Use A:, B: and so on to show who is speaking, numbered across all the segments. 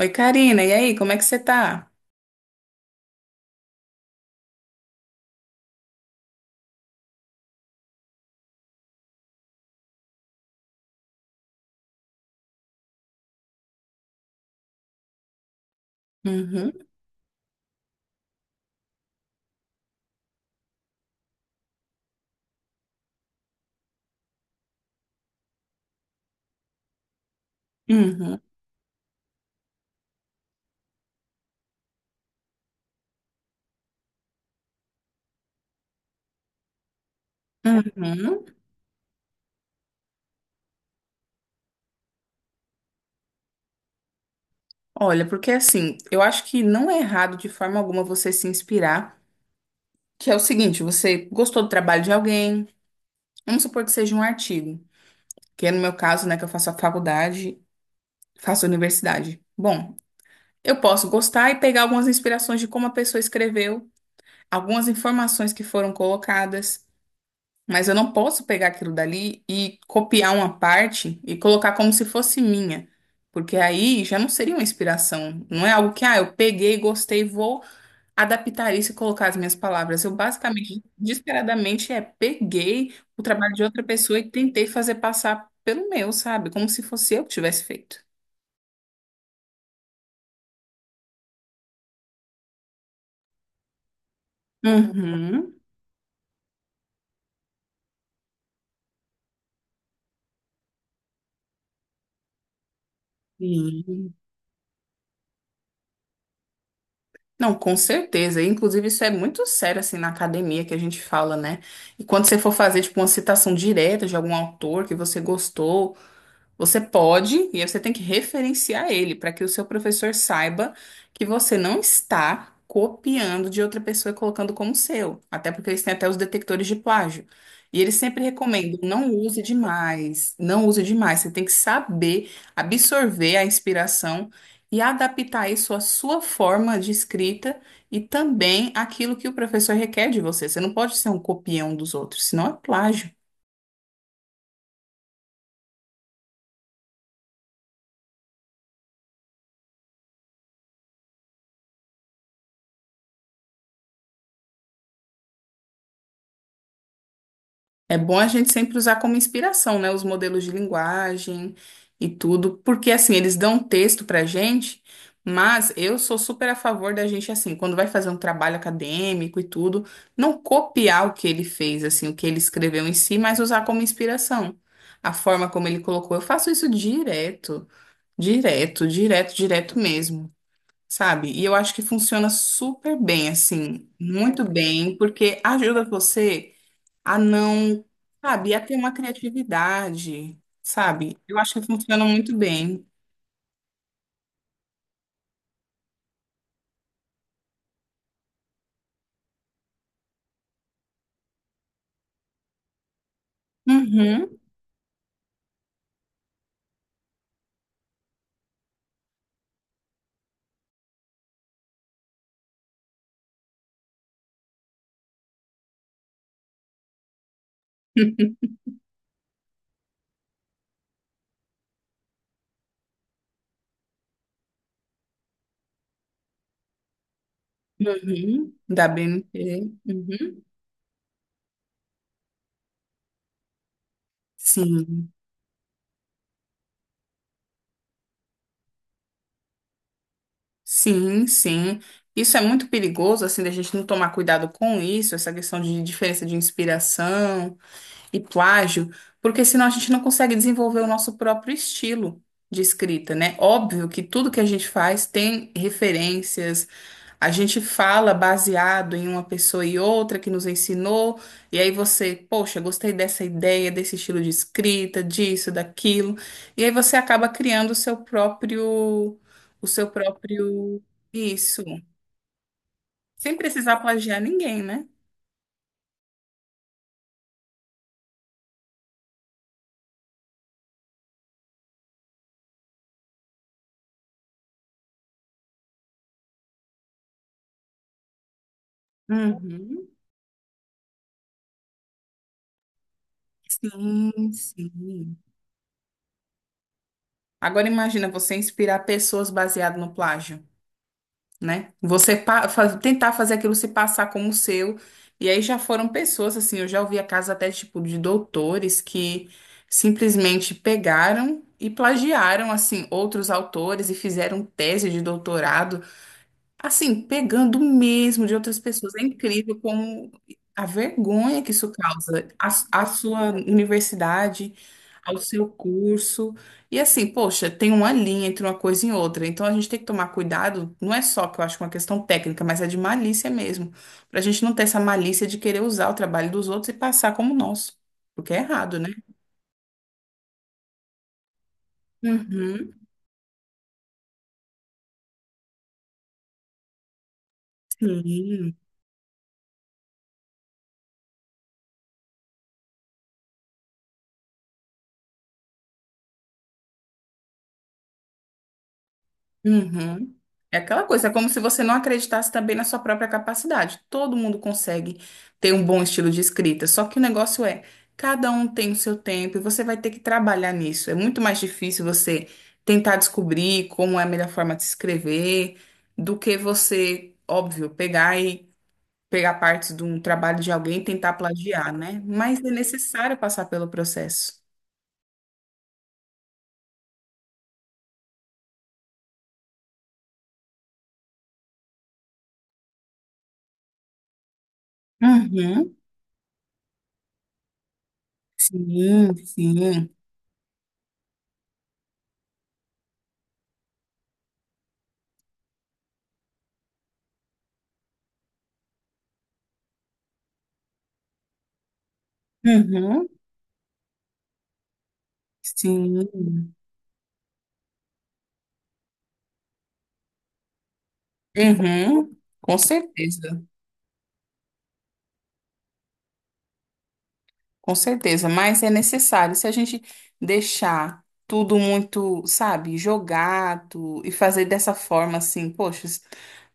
A: Oi, Karina, e aí, como é que você tá? Uhum, uhum, uhum. Olha, porque assim, eu acho que não é errado de forma alguma você se inspirar, que é o seguinte, você gostou do trabalho de alguém, vamos supor que seja um artigo, que é no meu caso, né, que eu faço a faculdade, faço a universidade. Bom, eu posso gostar e pegar algumas inspirações de como a pessoa escreveu, algumas informações que foram colocadas. Mas eu não posso pegar aquilo dali e copiar uma parte e colocar como se fosse minha. Porque aí já não seria uma inspiração. Não é algo que, ah, eu peguei, gostei, vou adaptar isso e colocar as minhas palavras. Eu basicamente, desesperadamente, peguei o trabalho de outra pessoa e tentei fazer passar pelo meu, sabe? Como se fosse eu que tivesse feito. Uhum. Sim. Não, com certeza. E, inclusive, isso é muito sério, assim, na academia que a gente fala, né? E quando você for fazer, tipo, uma citação direta de algum autor que você gostou, você pode, e aí você tem que referenciar ele para que o seu professor saiba que você não está copiando de outra pessoa e colocando como seu. Até porque eles têm até os detectores de plágio. E eles sempre recomendam, não use demais, não use demais. Você tem que saber absorver a inspiração e adaptar isso à sua forma de escrita e também àquilo que o professor requer de você. Você não pode ser um copião dos outros, senão é plágio. É bom a gente sempre usar como inspiração, né, os modelos de linguagem e tudo, porque assim, eles dão um texto pra gente, mas eu sou super a favor da gente assim, quando vai fazer um trabalho acadêmico e tudo, não copiar o que ele fez, assim, o que ele escreveu em si, mas usar como inspiração. A forma como ele colocou, eu faço isso direto, direto, direto, direto mesmo. Sabe? E eu acho que funciona super bem, assim, muito bem, porque ajuda você a não, sabe, a ter uma criatividade, sabe? Eu acho que funciona muito bem. Uhum, uhum, da BNT. Uhum. Sim, sim, sim. Isso é muito perigoso, assim, da gente não tomar cuidado com isso, essa questão de diferença de inspiração e plágio, porque senão a gente não consegue desenvolver o nosso próprio estilo de escrita, né? Óbvio que tudo que a gente faz tem referências, a gente fala baseado em uma pessoa e outra que nos ensinou, e aí você, poxa, gostei dessa ideia, desse estilo de escrita, disso, daquilo, e aí você acaba criando o seu próprio isso, sem precisar plagiar ninguém, né? Uhum. Sim, sim. Agora imagina você inspirar pessoas baseado no plágio, né? Você tentar fazer aquilo se passar como seu. E aí já foram pessoas, assim, eu já ouvi casos até tipo de doutores que simplesmente pegaram e plagiaram, assim, outros autores e fizeram tese de doutorado assim, pegando mesmo de outras pessoas. É incrível como a vergonha que isso causa à sua universidade, ao seu curso. E assim, poxa, tem uma linha entre uma coisa e outra. Então a gente tem que tomar cuidado, não é só que eu acho que é uma questão técnica, mas é de malícia mesmo. Para a gente não ter essa malícia de querer usar o trabalho dos outros e passar como nosso. Porque é errado, né? Uhum. Sim. Uhum. É aquela coisa, é como se você não acreditasse também na sua própria capacidade. Todo mundo consegue ter um bom estilo de escrita, só que o negócio é, cada um tem o seu tempo e você vai ter que trabalhar nisso. É muito mais difícil você tentar descobrir como é a melhor forma de se escrever do que você, óbvio, pegar e pegar partes de um trabalho de alguém e tentar plagiar, né? Mas é necessário passar pelo processo. Uhum. Sim, sim. Uhum. Sim. Uhum, com certeza, com certeza, mas é necessário. Se a gente deixar tudo muito, sabe, jogado e fazer dessa forma assim, poxa,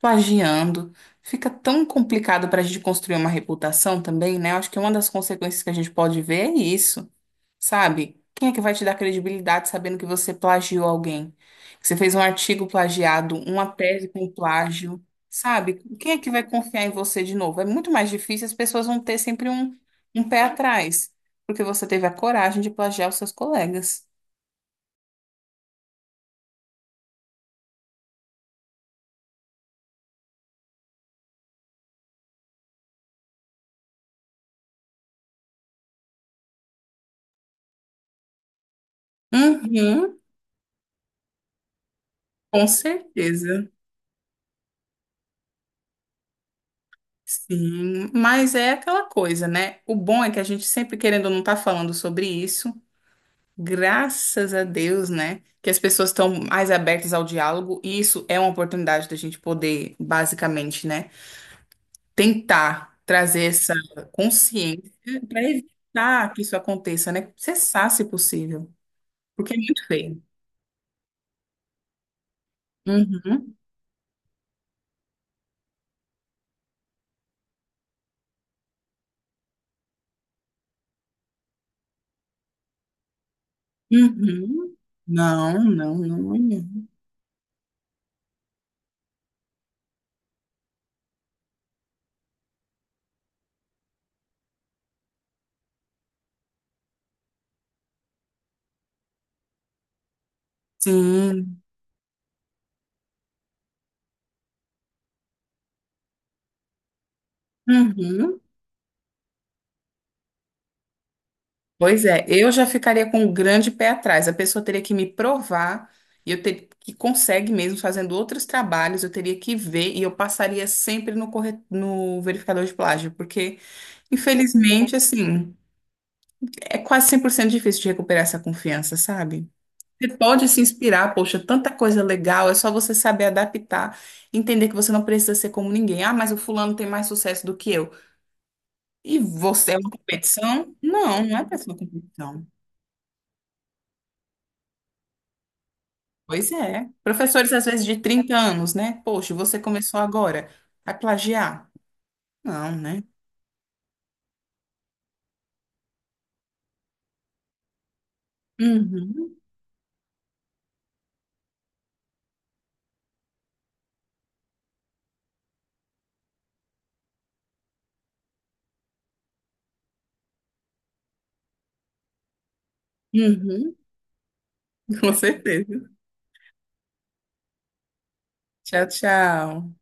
A: plagiando, fica tão complicado para a gente construir uma reputação também, né? Eu acho que uma das consequências que a gente pode ver é isso. Sabe? Quem é que vai te dar credibilidade sabendo que você plagiou alguém? Que você fez um artigo plagiado, uma tese com plágio, sabe? Quem é que vai confiar em você de novo? É muito mais difícil, as pessoas vão ter sempre um pé atrás, porque você teve a coragem de plagiar os seus colegas. Uhum, com certeza. Sim, mas é aquela coisa, né? O bom é que a gente sempre, querendo ou não, tá falando sobre isso. Graças a Deus, né? Que as pessoas estão mais abertas ao diálogo, e isso é uma oportunidade da gente poder, basicamente, né, tentar trazer essa consciência para evitar que isso aconteça, né? Cessar, se possível, porque é muito feio. Uhum, uhum. Não, não, não, não. Sim. Uhum. Pois é, eu já ficaria com um grande pé atrás. A pessoa teria que me provar, e eu teria que consegue mesmo fazendo outros trabalhos, eu teria que ver e eu passaria sempre no, no verificador de plágio, porque infelizmente, assim, é quase 100% difícil de recuperar essa confiança, sabe? Você pode se inspirar, poxa, tanta coisa legal, é só você saber adaptar, entender que você não precisa ser como ninguém. Ah, mas o fulano tem mais sucesso do que eu. E você é uma competição? Não, não é pra ser uma competição. Pois é. Professores, às vezes, de 30 anos, né? Poxa, você começou agora a plagiar? Não, né? Uhum, uhum, com certeza. Tchau, tchau.